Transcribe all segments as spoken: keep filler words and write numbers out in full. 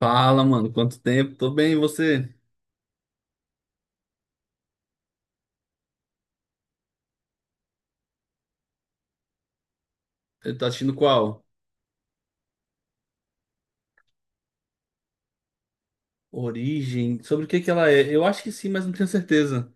Fala, mano, quanto tempo? Tô bem, e você? Ele Tá assistindo qual? Origem? Sobre o que que ela é? Eu acho que sim, mas não tenho certeza.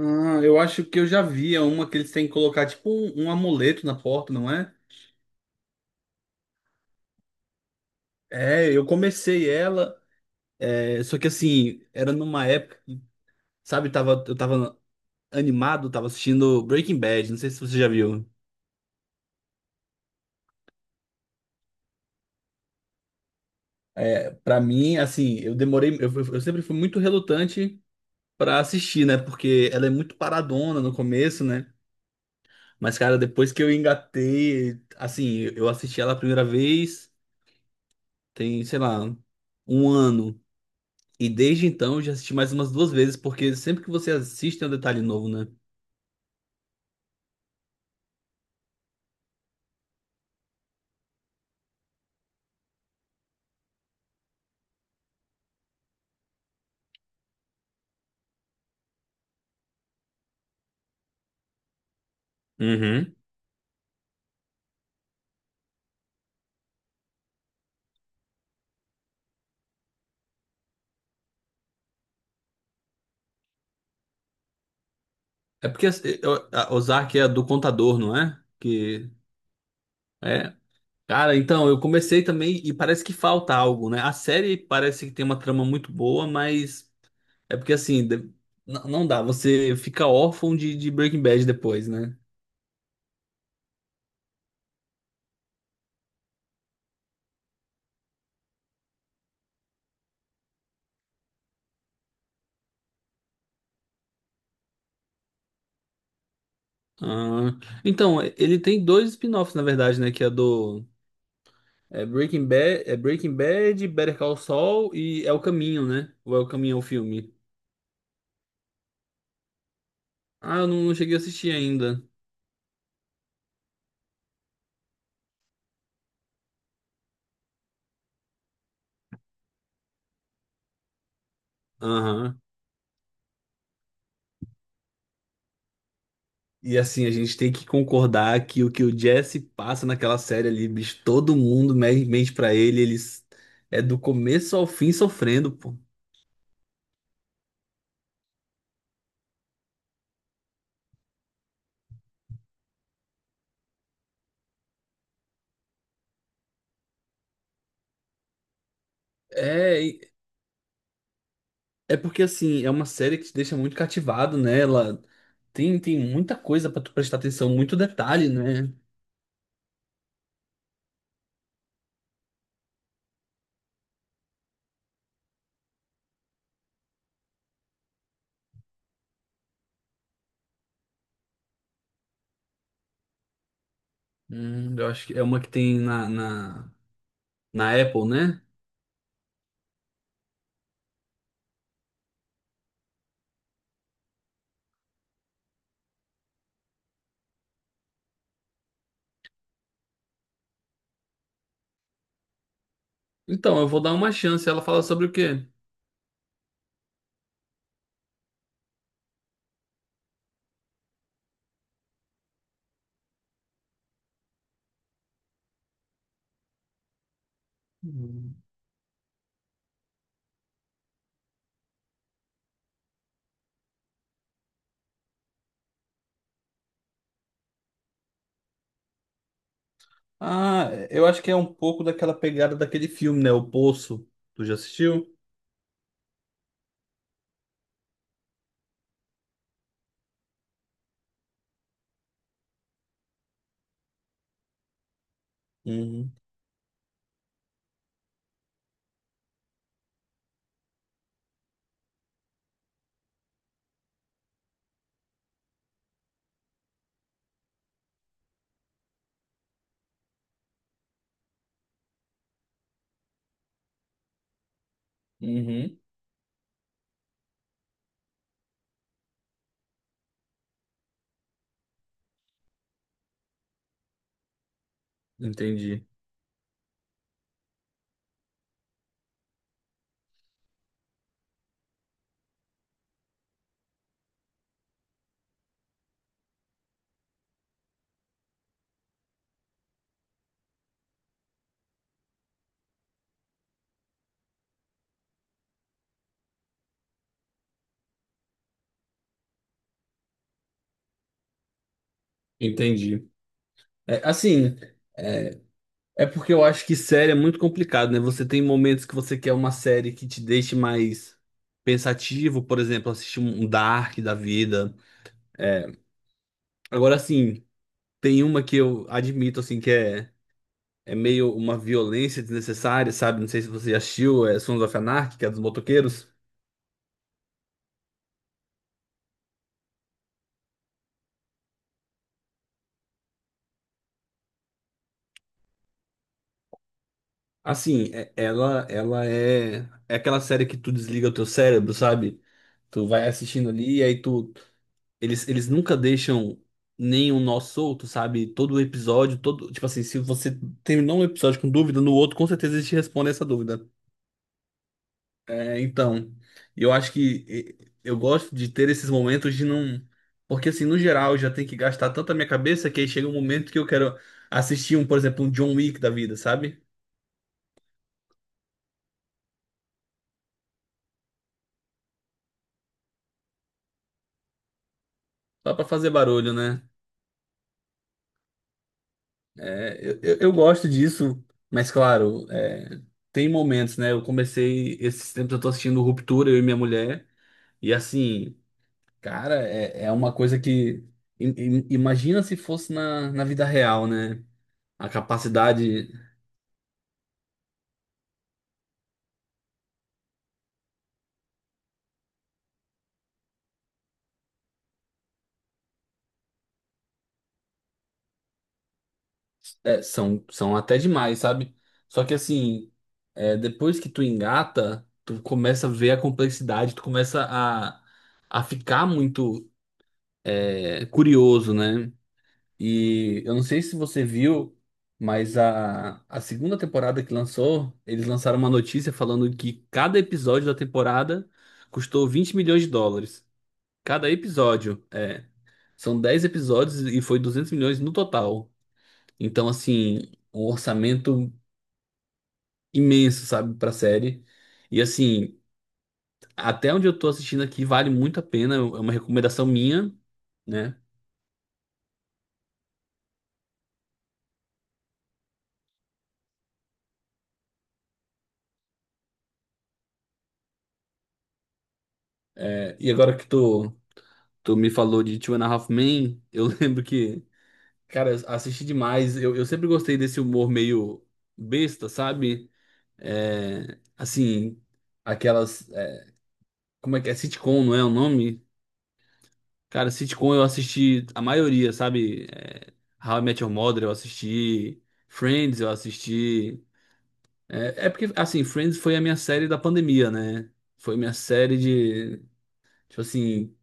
Ah, eu acho que eu já vi é uma que eles têm que colocar tipo um, um amuleto na porta, não é? É, eu comecei ela, é, só que assim, era numa época, que, sabe, tava, eu tava animado, tava assistindo Breaking Bad, não sei se você já viu. Pra mim, assim, eu demorei, eu, fui- eu sempre fui muito relutante pra assistir, né? Porque ela é muito paradona no começo, né? Mas, cara, depois que eu engatei, assim, eu assisti ela a primeira vez, tem, sei lá, um ano. E desde então eu já assisti mais umas duas vezes, porque sempre que você assiste tem um detalhe novo, né? Uhum. É porque as- eu- a- Ozark é do contador, não é? Que é. Cara, então, eu comecei também e parece que falta algo, né? A série parece que tem uma trama muito boa, mas é porque assim, de- n- não dá, você fica órfão de, de Breaking Bad depois, né? Ah, então, ele tem dois spin-offs, na verdade, né? Que é do. É Breaking Bad, é Breaking Bad, Better Call Saul e É o Caminho, né? Ou É o Caminho é o filme. Ah, eu não, não cheguei a assistir ainda. Aham. E assim, a gente tem que concordar que o que o Jesse passa naquela série ali, bicho, todo mundo me- mente pra ele, eles é do começo ao fim sofrendo, pô. É, e- é porque assim, é uma série que te deixa muito cativado, né? Ela tem, tem muita coisa pra tu prestar atenção, muito detalhe, né? Hum, eu acho que é uma que tem na, na, na Apple, né? Então, eu vou dar uma chance. Ela fala sobre o quê? Hum. Ah, eu acho que é um pouco daquela pegada daquele filme, né? O Poço. Tu já assistiu? Uhum, uhum. Entendi, entendi. É, assim, é, é porque eu acho que série é muito complicado, né? Você tem momentos que você quer uma série que te deixe mais pensativo, por exemplo, assistir um um Dark da vida. Agora, assim, tem uma que eu admito, assim, que é é meio uma violência desnecessária, sabe? Não sei se você já assistiu, é Sons of Anarchy, que é dos motoqueiros. Assim, é- ela ela é, é aquela série que tu desliga o teu cérebro, sabe? Tu vai assistindo ali e aí tu eles eles nunca deixam nenhum nó solto, sabe? Todo episódio, todo, tipo assim, se você terminou um episódio com dúvida, no outro com certeza eles te respondem essa dúvida. É, então, eu acho que eh, eu gosto de ter esses momentos de não. Porque, assim, no geral, eu já tenho que gastar tanta minha cabeça que aí chega um momento que eu quero assistir um, por exemplo, um John Wick da vida, sabe? Só pra fazer barulho, né? É, eu, eu, eu gosto disso, mas claro, é, tem momentos, né? Eu comecei, esses tempos eu tô assistindo Ruptura, eu e minha mulher, e assim, cara, é, é uma coisa que. im- im- Imagina se fosse na, na vida real, né? A capacidade. É, são, são até demais, sabe? Só que assim, é, depois que tu engata, tu começa a ver a complexidade, tu começa a, a ficar muito é, curioso, né? E eu não sei se você viu, mas a, a segunda temporada que lançou, eles lançaram uma notícia falando que cada episódio da temporada custou vinte milhões de dólares. Cada episódio, é. São dez episódios e foi duzentos milhões no total. Então, assim, um orçamento imenso, sabe, pra série. E assim, até onde eu tô assistindo aqui, vale muito a pena. É uma recomendação minha, né? É, e agora que tu, tu me falou de Two and a Half Men, eu lembro que, cara, eu assisti demais. Eu, eu sempre gostei desse humor meio besta, sabe? É, assim, aquelas. é, como é que é? Sitcom, não é o nome? Cara, sitcom eu assisti a maioria, sabe? É, How I Met Your Mother eu assisti. Friends eu assisti. É, é porque, assim, Friends foi a minha série da pandemia, né? Foi minha série de. Tipo assim.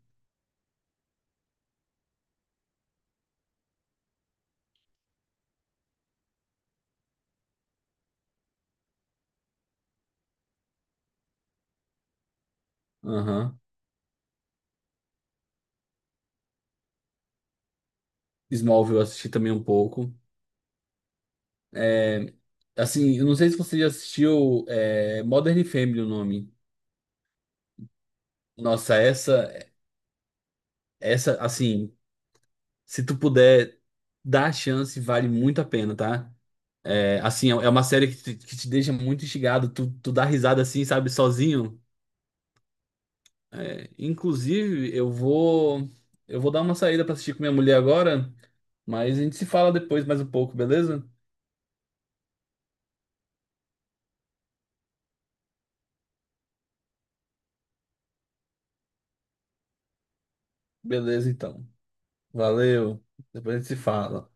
Aham. Smallville eu assisti também um pouco. É, assim, eu não sei se você já assistiu é, Modern Family, o nome. Nossa, essa, essa, assim, se tu puder dar a chance, vale muito a pena, tá? É, assim, é é uma série que te, que te deixa muito instigado. Tu, tu dá risada assim, sabe, sozinho. É, inclusive, eu vou eu vou dar uma saída pra assistir com minha mulher agora, mas a gente se fala depois mais um pouco, beleza? Beleza, então. Valeu. Depois a gente se fala.